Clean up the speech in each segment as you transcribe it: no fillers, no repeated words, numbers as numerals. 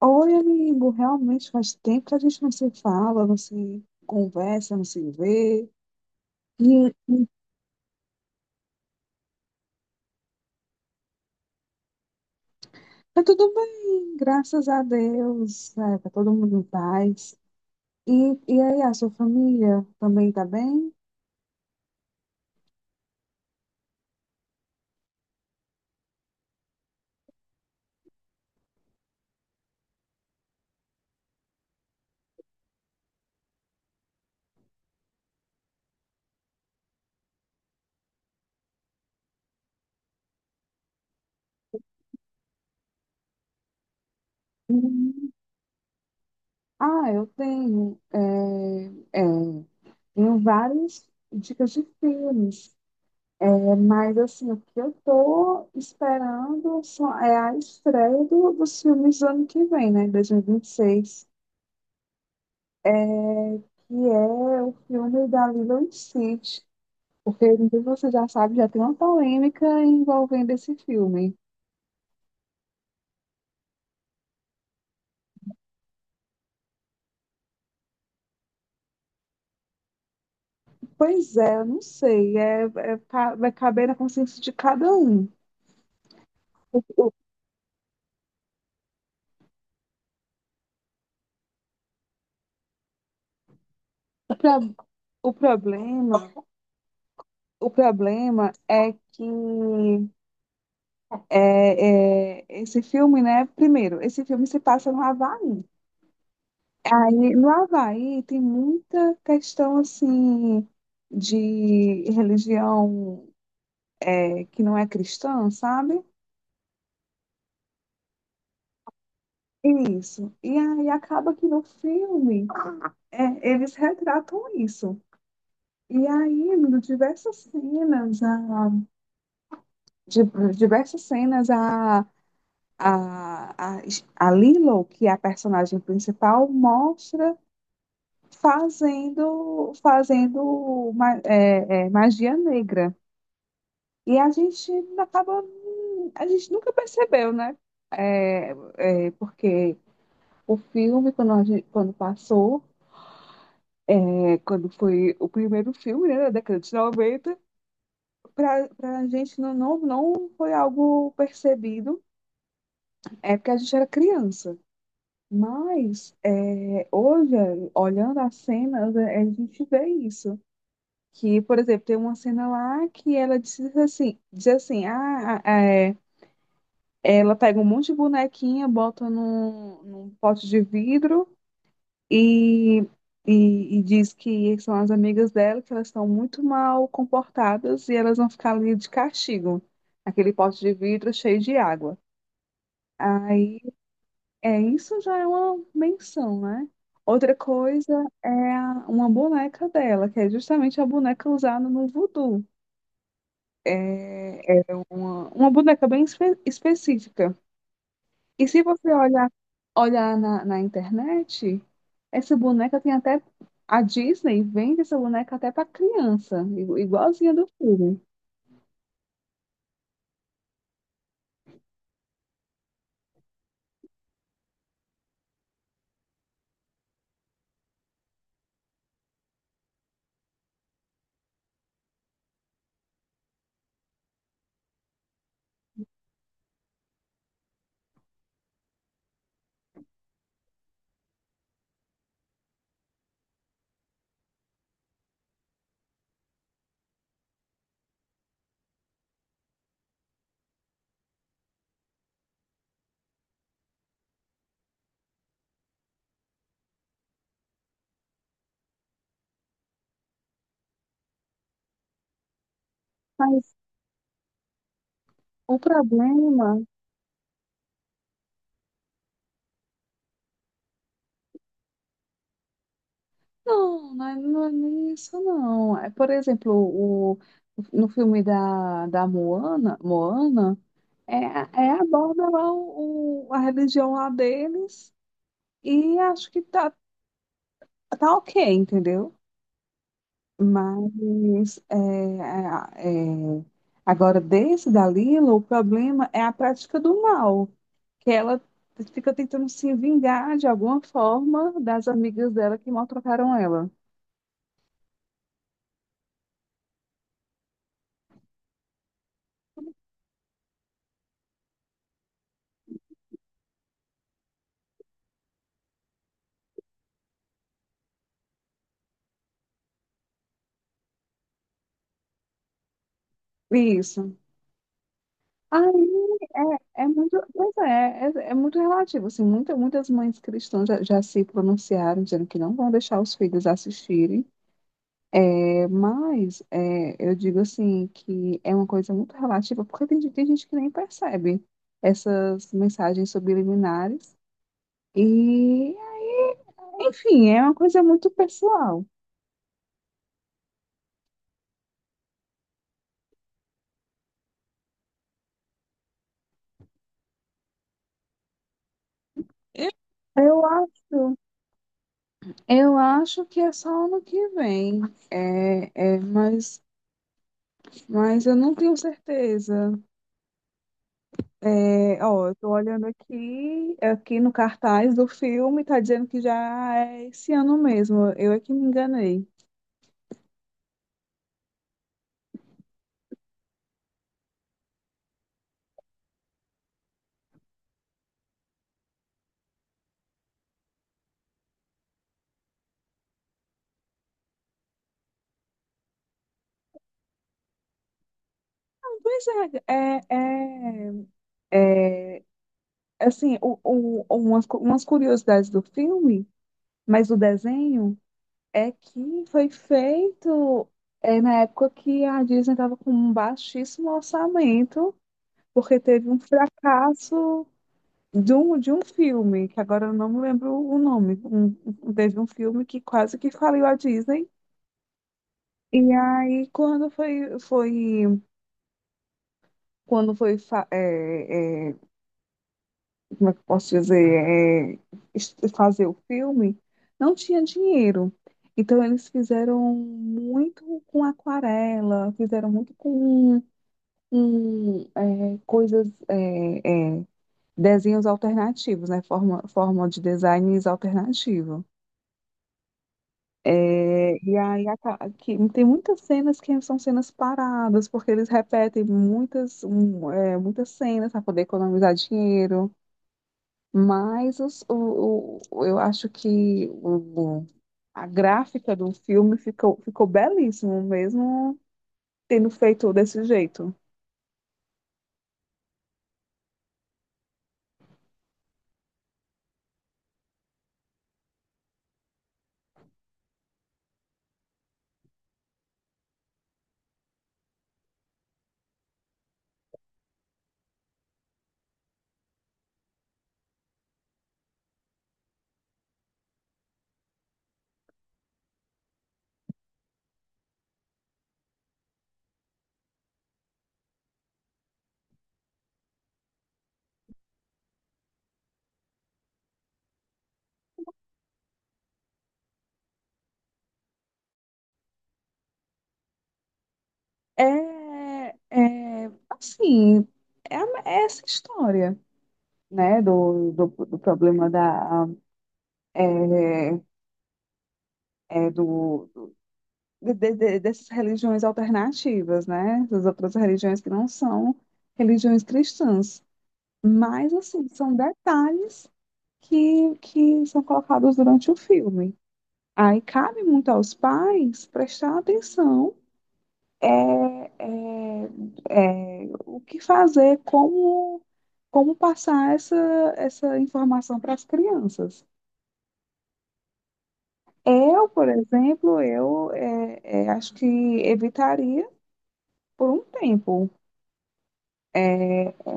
Oi, amigo, realmente faz tempo que a gente não se fala, não se conversa, não se vê. E tá tudo bem, graças a Deus, tá todo mundo em paz. E, e aí, a sua família também tá bem? Uhum. Ah, eu tenho, é, tenho várias dicas de filmes, mas assim, o que eu tô esperando só é a estreia dos filmes do ano que vem, né, 2026. Que é o filme da Lilo e Stitch, porque não sei se você já sabe, já tem uma polêmica envolvendo esse filme. Pois é, eu não sei, vai caber na consciência de cada um. O, o, o pro- o problema, o problema é que esse filme, né? Primeiro, esse filme se passa no Havaí. Aí, no Havaí tem muita questão assim de religião, que não é cristã, sabe? Isso. E aí acaba que no filme, eles retratam isso. E aí, em diversas cenas, de, diversas cenas, a, a, a Lilo, que é a personagem principal, mostra fazendo magia negra. E a gente acaba, a gente nunca percebeu, né? É, porque o filme, quando passou, é, quando foi o primeiro filme, né, da década de 90, para a gente não foi algo percebido, é porque a gente era criança. Mas é, hoje, olhando as cenas, é, a gente vê isso. Que, por exemplo, tem uma cena lá que ela diz assim, ela pega um monte de bonequinha, bota num pote de vidro. E, e diz que são as amigas dela, que elas estão muito mal comportadas e elas vão ficar ali de castigo, aquele pote de vidro cheio de água. Aí, isso já é uma menção, né? Outra coisa é uma boneca dela, que é justamente a boneca usada no voodoo. É uma boneca bem específica. E se você olhar, olhar na internet, essa boneca tem até. A Disney vende essa boneca até para criança, igualzinha do filme. Mas o problema. Não, não é, não é nem isso, não. É, por exemplo, no filme da Moana, Moana, é, é aborda lá a religião lá deles e acho que tá ok, entendeu? Mas é, é, é, agora, desse da Lila, o problema é a prática do mal, que ela fica tentando se vingar de alguma forma das amigas dela que maltrataram ela. Isso. Aí é, é muito, pois é, é muito relativo. Assim, muitas mães cristãs já se pronunciaram, dizendo que não vão deixar os filhos assistirem. Mas é, eu digo assim que é uma coisa muito relativa, porque tem gente que nem percebe essas mensagens subliminares. E, enfim, é uma coisa muito pessoal. Eu acho, eu acho que é só ano que vem. É, é, mas, mas eu não tenho certeza. É, ó, eu tô olhando aqui, aqui no cartaz do filme, tá dizendo que já é esse ano mesmo. Eu é que me enganei. Pois é, é, é assim, umas curiosidades do filme, mas o desenho é que foi feito, na época que a Disney estava com um baixíssimo orçamento, porque teve um fracasso de um filme, que agora eu não me lembro o nome. Teve um filme que quase que faliu a Disney. E aí, quando foi, foi, quando foi, fa- é, é, como é que eu posso dizer, fazer o filme, não tinha dinheiro. Então eles fizeram muito com aquarela, fizeram muito com, é, desenhos alternativos, né? Forma de designs alternativo. É, e aí tem muitas cenas que são cenas paradas, porque eles repetem muitas cenas para poder economizar dinheiro. Mas eu acho que a gráfica do filme ficou, ficou belíssimo, mesmo tendo feito desse jeito. É, é assim, é essa história, né, do problema da, é, é do, de- dessas religiões alternativas, né, das outras religiões que não são religiões cristãs. Mas, assim, são detalhes que são colocados durante o filme. Aí cabe muito aos pais prestar atenção, é, o que fazer, como, como passar essa, essa informação para as crianças. Eu, por exemplo, acho que evitaria por um tempo, é, é,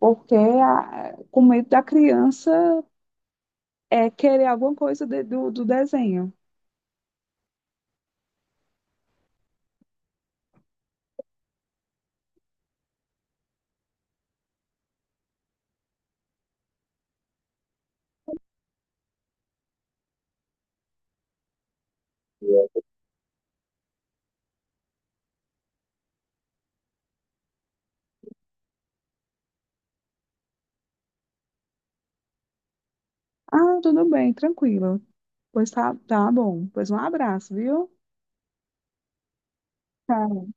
porque a, com medo da criança, querer alguma coisa do desenho. Ah, tudo bem, tranquilo. Pois tá, tá bom. Pois um abraço, viu? Tá.